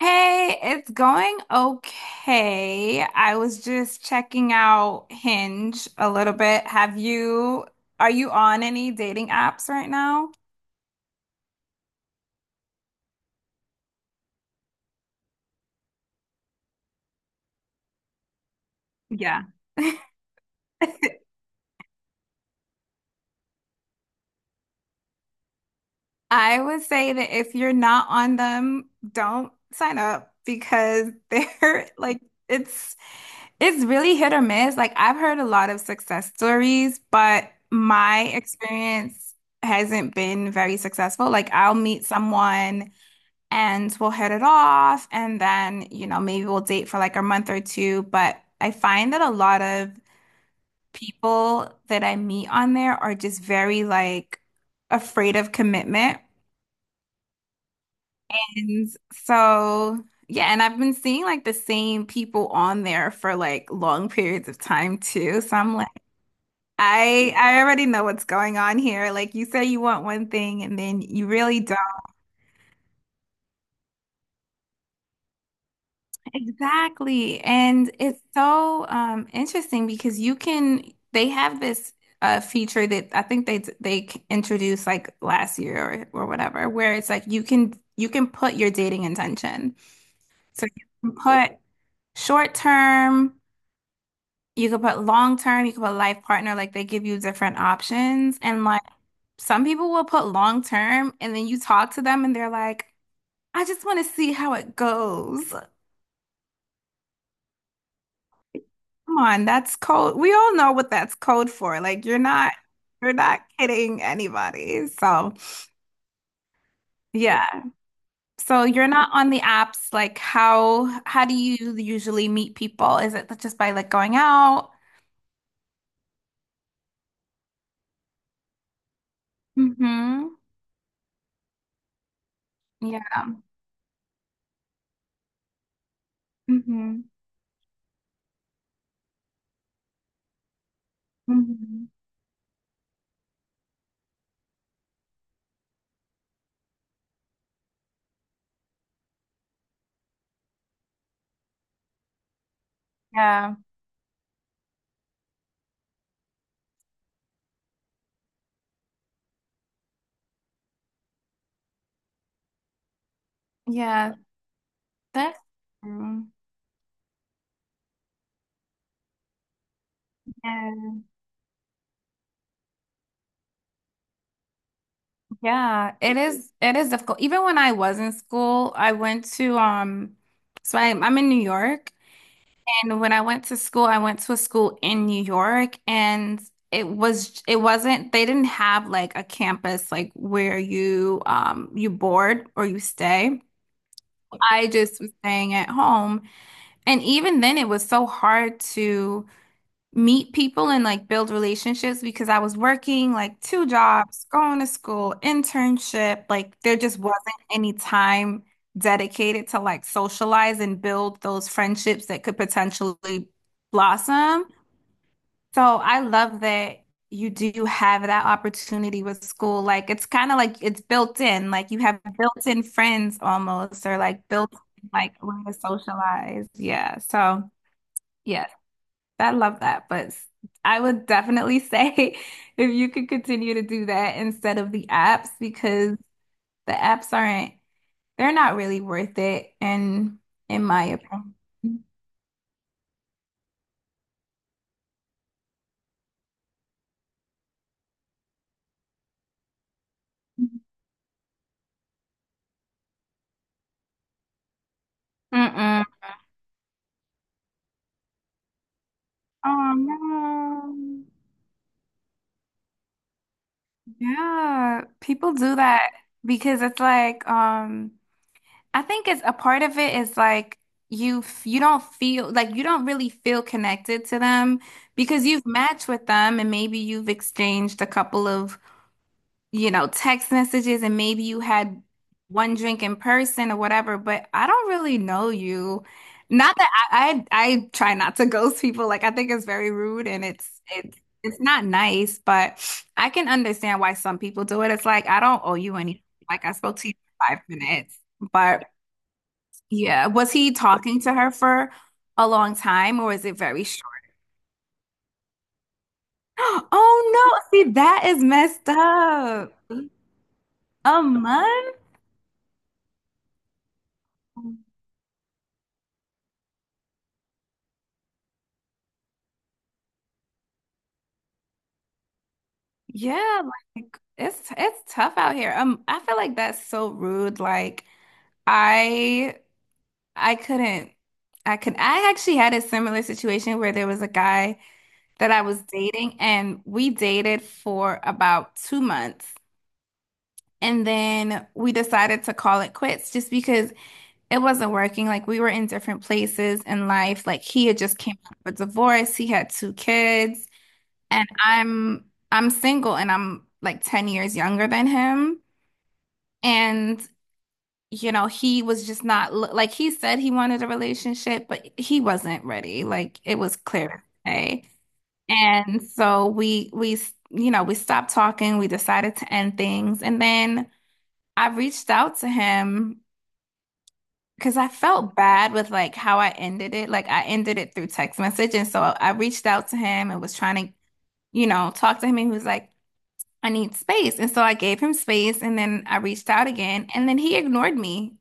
Hey, it's going okay. I was just checking out Hinge a little bit. Are you on any dating apps right now? Yeah. I would say that if you're not on them, don't sign up because they're like it's it's really hit or miss. Like I've heard a lot of success stories, but my experience hasn't been very successful. Like I'll meet someone and we'll hit it off, and then maybe we'll date for like a month or two, but I find that a lot of people that I meet on there are just very like afraid of commitment. And so yeah, and I've been seeing like the same people on there for like long periods of time too, so I'm like I already know what's going on here. Like you say you want one thing and then you really don't. Exactly. And it's so interesting because they have this feature that I think they introduced like last year, or whatever, where it's like you can put your dating intention. So you can put short term, you can put long term, you can put life partner, like they give you different options. And like some people will put long term and then you talk to them and they're like, "I just want to see how it goes." Come on, that's code. We all know what that's code for. Like you're not kidding anybody. So, yeah. So you're not on the apps. Like how do you usually meet people? Is it just by like going out? Mm-hmm. Yeah. Mm-hmm. Mm-hmm. Yeah. Yeah. That's true. Yeah. Yeah. It is difficult. Even when I was in school, I went to so I, I'm in New York. And when I went to school, I went to a school in New York, and it wasn't, they didn't have like a campus like where you board or you stay. I just was staying at home. And even then it was so hard to meet people and like build relationships because I was working like two jobs, going to school, internship. Like there just wasn't any time dedicated to like socialize and build those friendships that could potentially blossom. So I love that you do have that opportunity with school. Like it's kind of like it's built in, like you have built-in friends almost, or like built like a way to socialize. Yeah. So. Yeah. I love that, but I would definitely say, if you could continue to do that instead of the apps, because the apps aren't, they're not really worth it, in my opinion. Mm-mm. Oh no. Yeah, people do that because it's like, I think it's a part of it is like you don't feel like you don't really feel connected to them because you've matched with them and maybe you've exchanged a couple of text messages, and maybe you had one drink in person or whatever, but I don't really know you. Not that I try not to ghost people. Like I think it's very rude and it's not nice, but I can understand why some people do it. It's like I don't owe you anything. Like I spoke to you for 5 minutes. But yeah, was he talking to her for a long time or is it very short? Oh no, see that is messed up. A month? Yeah, like it's tough out here. I feel like that's so rude. Like I I couldn't I could I actually had a similar situation where there was a guy that I was dating and we dated for about 2 months, and then we decided to call it quits just because it wasn't working. Like we were in different places in life. Like he had just came out of a divorce, he had two kids, and I'm single and I'm like 10 years younger than him. And, he was just not like he said he wanted a relationship, but he wasn't ready. Like it was clear as day. And so we stopped talking, we decided to end things, and then I reached out to him because I felt bad with like how I ended it. Like I ended it through text message, and so I reached out to him and was trying to, talk to him, and he was like, "I need space." And so I gave him space, and then I reached out again, and then he ignored me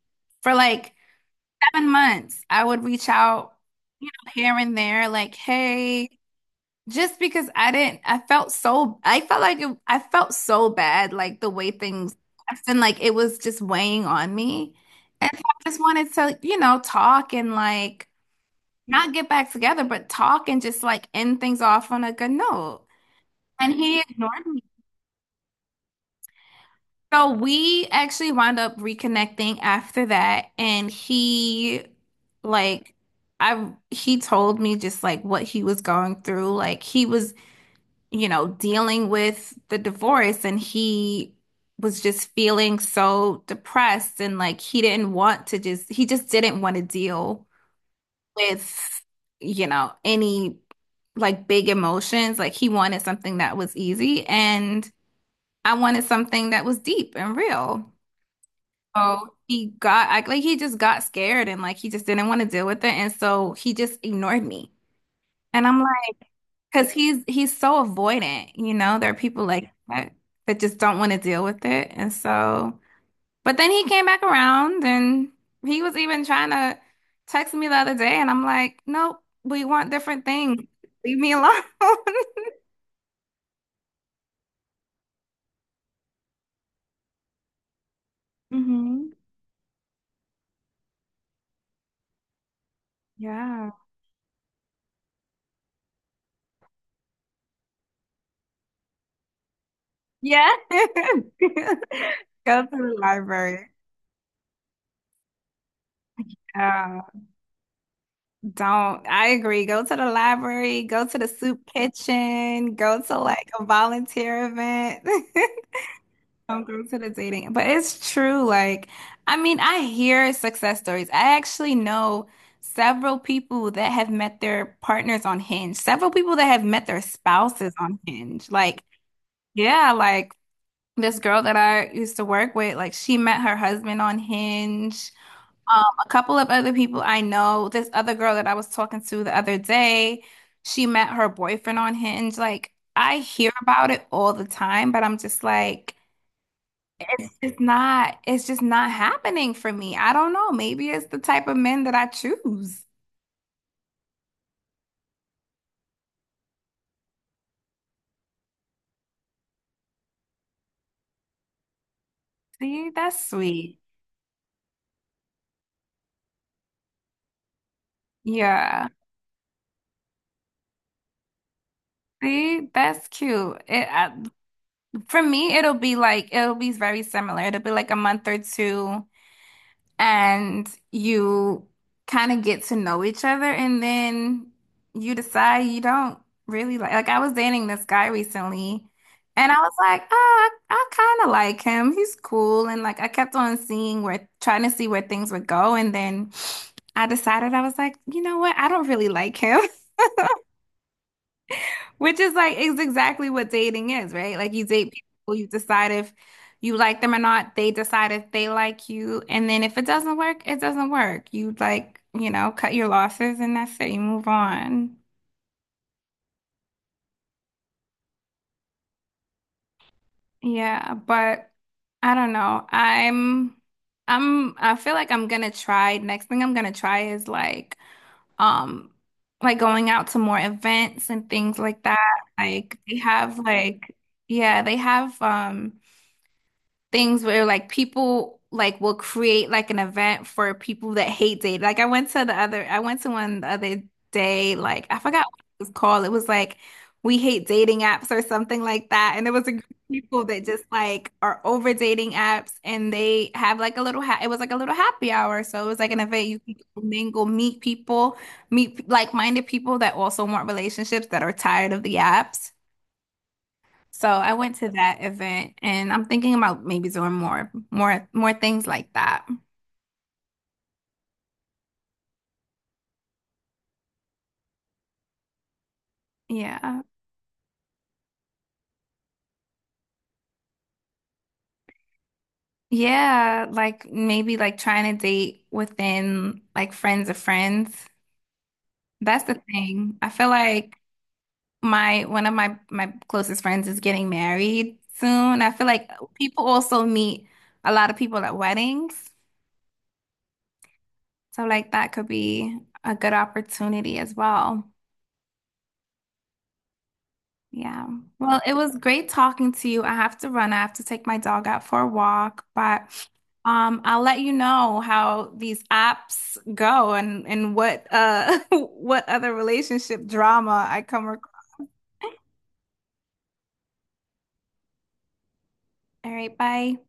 for like 7 months. I would reach out, here and there, like, "Hey," just because I didn't, I felt so bad, like the way things, and like it was just weighing on me. And so I just wanted to, talk and like not get back together, but talk and just like end things off on a good note. And he ignored So we actually wound up reconnecting after that, and like he told me just like what he was going through. Like he was, dealing with the divorce, and he was just feeling so depressed, and like he just didn't want to deal with, any like big emotions. Like he wanted something that was easy, and I wanted something that was deep and real. Oh, like he just got scared and like he just didn't want to deal with it, and so he just ignored me. And I'm like, because he's so avoidant, There are people like that that just don't want to deal with it, and so. But then he came back around, and he was even trying to text me the other day, and I'm like, nope, we want different things. Leave me alone. Hmm. Yeah. Yeah. Go to the library. Yeah. Don't, I agree. Go to the library, go to the soup kitchen, go to like a volunteer event. Don't go to the dating. But it's true. Like, I mean, I hear success stories. I actually know several people that have met their partners on Hinge, several people that have met their spouses on Hinge. Like, yeah, like this girl that I used to work with, like, she met her husband on Hinge. A couple of other people I know, this other girl that I was talking to the other day, she met her boyfriend on Hinge. Like, I hear about it all the time, but I'm just like, it's just not happening for me. I don't know. Maybe it's the type of men that I choose. See, that's sweet. Yeah. See, that's cute. For me, it'll be very similar. It'll be like a month or two. And you kind of get to know each other, and then you decide you don't really like I was dating this guy recently and I was like, "Oh, I kind of like him. He's cool." And like I kept on seeing where trying to see where things would go, and then I decided I was like, "You know what? I don't really like him." Which is exactly what dating is, right? Like you date people, you decide if you like them or not, they decide if they like you, and then if it doesn't work, it doesn't work. You like, cut your losses and that's it. You move on. Yeah, but I don't know. I feel like I'm gonna try. Next thing I'm gonna try is um like going out to more events and things like that. Like they have like, yeah, they have things where like people like will create like an event for people that hate dating. Like I went to one the other day, like I forgot what it was called. It was like "we hate dating apps" or something like that. And there was a group of people that just like are over dating apps, and they have like a little ha it was like a little happy hour. So it was like an event you can go mingle, meet people, meet like-minded people that also want relationships that are tired of the apps. So I went to that event and I'm thinking about maybe doing more, more, more things like that. Yeah. Yeah. Like maybe like trying to date within like friends of friends. That's the thing. I feel like one of my closest friends is getting married soon. I feel like people also meet a lot of people at weddings. So like that could be a good opportunity as well. Yeah. Well, it was great talking to you. I have to run. I have to take my dog out for a walk, but I'll let you know how these apps go, and what what other relationship drama I come across. All right, bye.